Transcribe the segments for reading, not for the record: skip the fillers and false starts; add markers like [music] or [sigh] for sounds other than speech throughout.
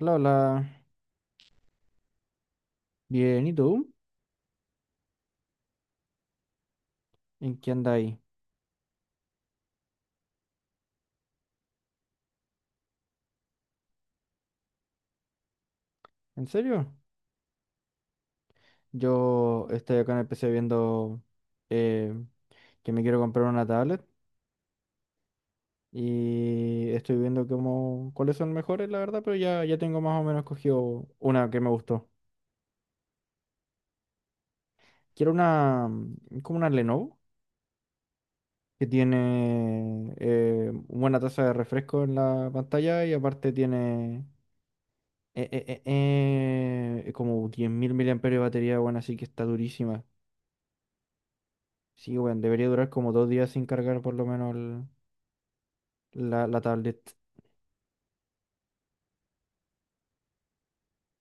Hola, hola. Bien, ¿y tú? ¿En qué andáis? ¿En serio? Yo estoy acá en el PC viendo eh, que me quiero comprar una tablet y estoy viendo como cuáles son mejores, la verdad, pero ya tengo más o menos cogido una que me gustó. Quiero una, como una Lenovo, que tiene buena tasa de refresco en la pantalla y aparte tiene como 10.000 mAh de batería, bueno, así que está durísima. Sí, weón, debería durar como 2 días sin cargar por lo menos la tablet.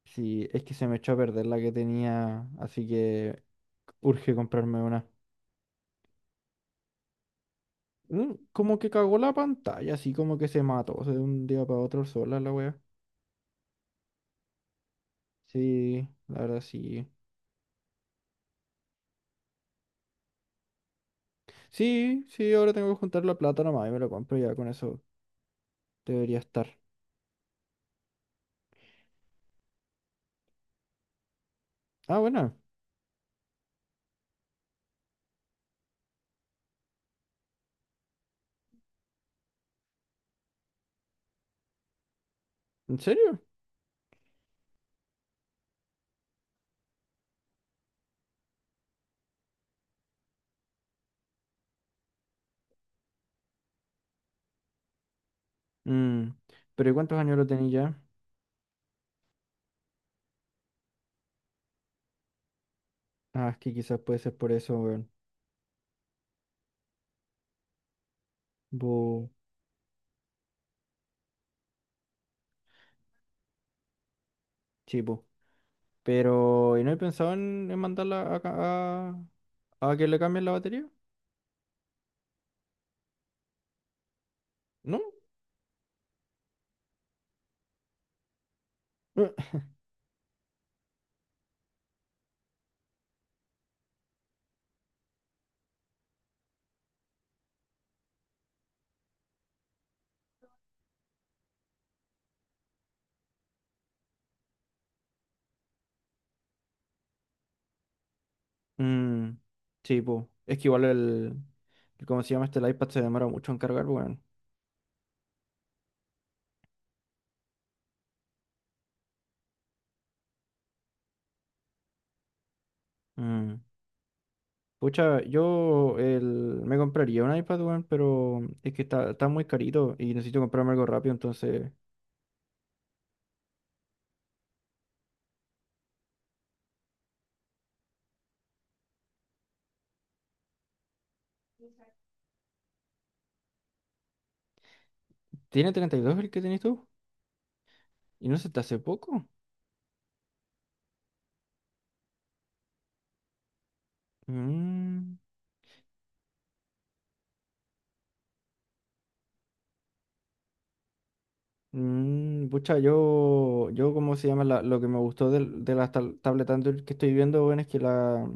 Sí, es que se me echó a perder la que tenía, así que urge comprarme una. Como que cagó la pantalla, así como que se mató, o sea, de un día para otro sola la wea. Sí, la verdad sí. Sí, sí, ahora tengo que juntar la plata nomás y me lo compro ya, con eso debería estar. Ah, bueno, ¿en serio? Mm, pero ¿y cuántos años lo tenía ya? Ah, es que quizás puede ser por eso, weón. Bu, sí, bu. Pero, ¿y no he pensado en mandarla a, a que le cambien la batería? ¿No? Eh. Mm, sí, pues. Es que igual ¿cómo se llama este? El iPad se demora mucho en cargar, weón. Mm. Pucha, yo me compraría un iPad, weón, pero es que está muy carito y necesito comprarme algo rápido, entonces... ¿Tiene 32 el que tenés tú? ¿Y no se te hace poco? Mm. Pucha, yo, ¿cómo se llama? Lo que me gustó de las tablet Android que estoy viendo, bueno, es que la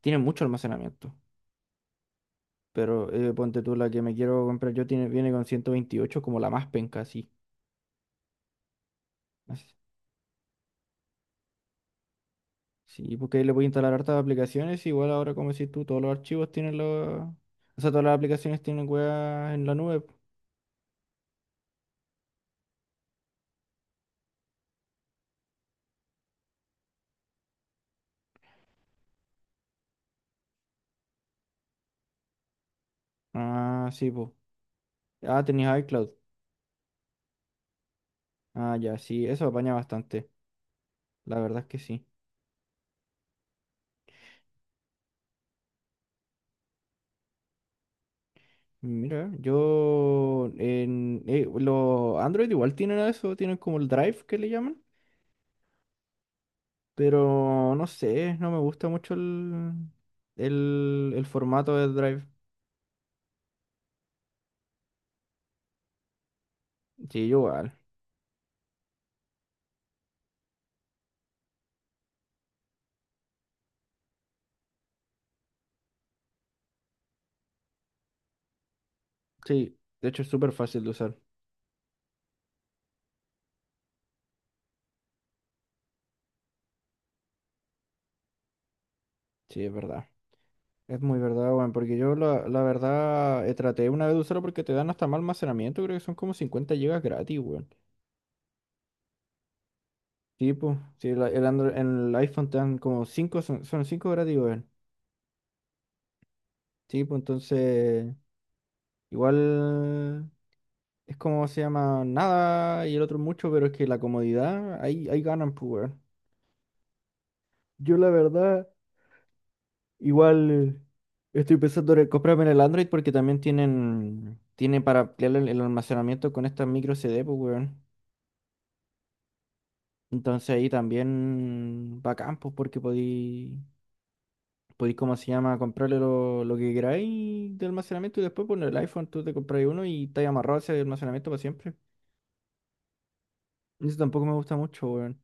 tiene mucho almacenamiento. Pero ponte tú, la que me quiero comprar yo tiene, viene con 128 como la más penca, así. Así- Sí, porque ahí le voy a instalar hartas aplicaciones. Igual ahora, como decís tú, todos los archivos tienen los. O sea, todas las aplicaciones tienen weas en la nube. Ah, sí, pues. Ah, tenías iCloud. Ah, ya, sí, eso apaña bastante. La verdad es que sí. Mira, yo en los Android igual tienen eso, tienen como el Drive que le llaman, pero no sé, no me gusta mucho el formato del Drive. Sí, yo igual. Sí, de hecho es súper fácil de usar. Sí, es verdad. Es muy verdad, weón, porque yo la verdad traté una vez de usarlo porque te dan hasta más almacenamiento, creo que son como 50 gigas gratis, weón. Sí, pues, sí, el Android, en el iPhone te dan como 5, son 5 gratis, weón. Sí, pues entonces... Igual es como se llama nada y el otro mucho, pero es que la comodidad, ahí, ahí ganan, pues, weón. Yo la verdad, igual estoy pensando en comprarme en el Android porque también tienen para ampliar el almacenamiento con estas micro CD, pues, weón. Entonces ahí también bacán, pues, porque podí, ¿cómo se llama? Comprarle lo que queráis de almacenamiento y después poner el iPhone, tú te compras uno y te amarrado a ese almacenamiento para siempre. Eso tampoco me gusta mucho, weón.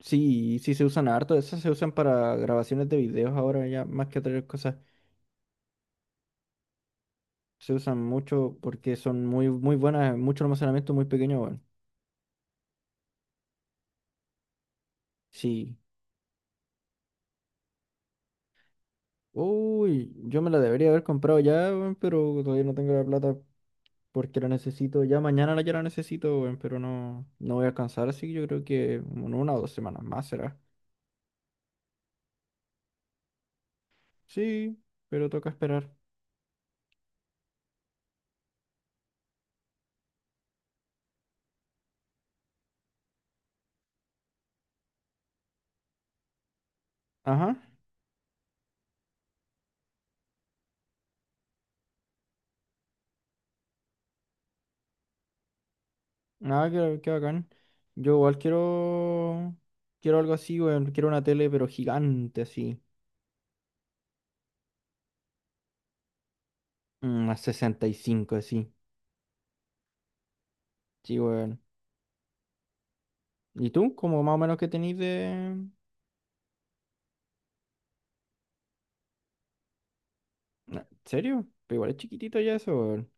Sí, sí se usan harto, esas se usan para grabaciones de videos ahora ya, más que otras cosas. Se usan mucho porque son muy, muy buenas, mucho almacenamiento muy pequeño, weón. Sí. Uy, yo me la debería haber comprado ya, weón, pero todavía no tengo la plata porque la necesito. Ya mañana ya la necesito, weón, pero no, no voy a alcanzar, así que yo creo que en una o dos semanas más será. Sí, pero toca esperar. Ajá. Ah, qué bacán. Yo igual quiero. Quiero algo así, weón. Quiero una tele, pero gigante, así. Una 65, así. Sí, weón. ¿Y tú? ¿Cómo más o menos que tenís de? ¿En serio? Pero igual es chiquitito ya eso, weón.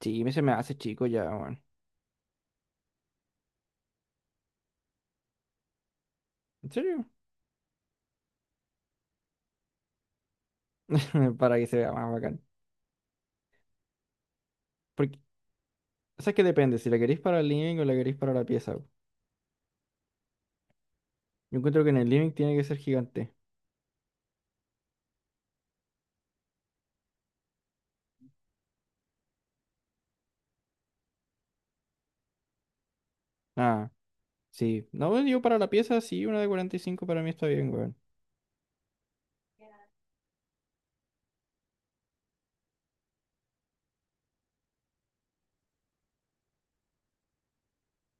Sí, se me hace chico ya, weón. ¿En serio? [laughs] Para que se vea más bacán. Porque, o sea, que depende, si la queréis para el living o la queréis para la pieza. Yo encuentro que en el living tiene que ser gigante. Ah, sí. No, yo para la pieza sí, una de 45 para mí está bien, weón.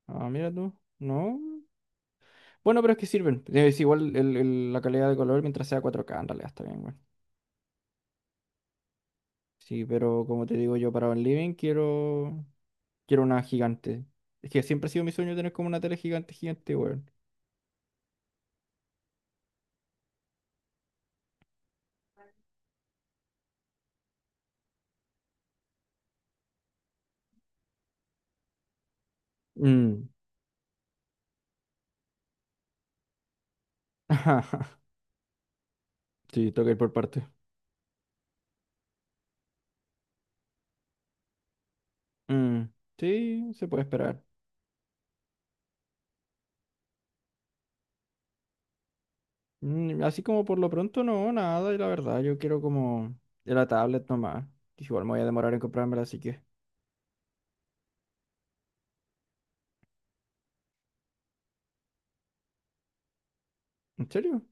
Ah, mira tú. No. Bueno, pero es que sirven. Es igual la calidad de color mientras sea 4K en realidad está bien, güey. Sí, pero como te digo yo, para un living quiero una gigante. Es que siempre ha sido mi sueño tener como una tele gigante, gigante, güey. Mm. [laughs] Sí, toca ir por parte. Mm. Sí, se puede esperar. Así como por lo pronto no, nada, y la verdad, yo quiero como de la tablet nomás. Que igual me voy a demorar en comprármela, así que... ¿En serio?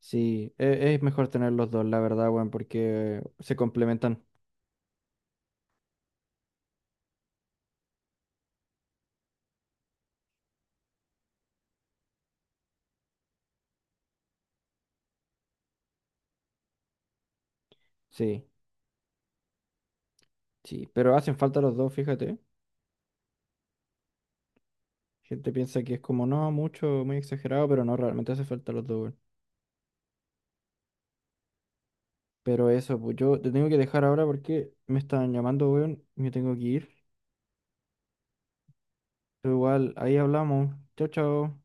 Sí, es mejor tener los dos, la verdad, weón, porque se complementan. Sí. Sí, pero hacen falta los dos, fíjate. Gente piensa que es como, no, mucho, muy exagerado, pero no, realmente hace falta los dos, weón. Pero eso, pues yo te tengo que dejar ahora porque me están llamando, weón, y me tengo que ir. Pero igual, ahí hablamos. Chao, chao.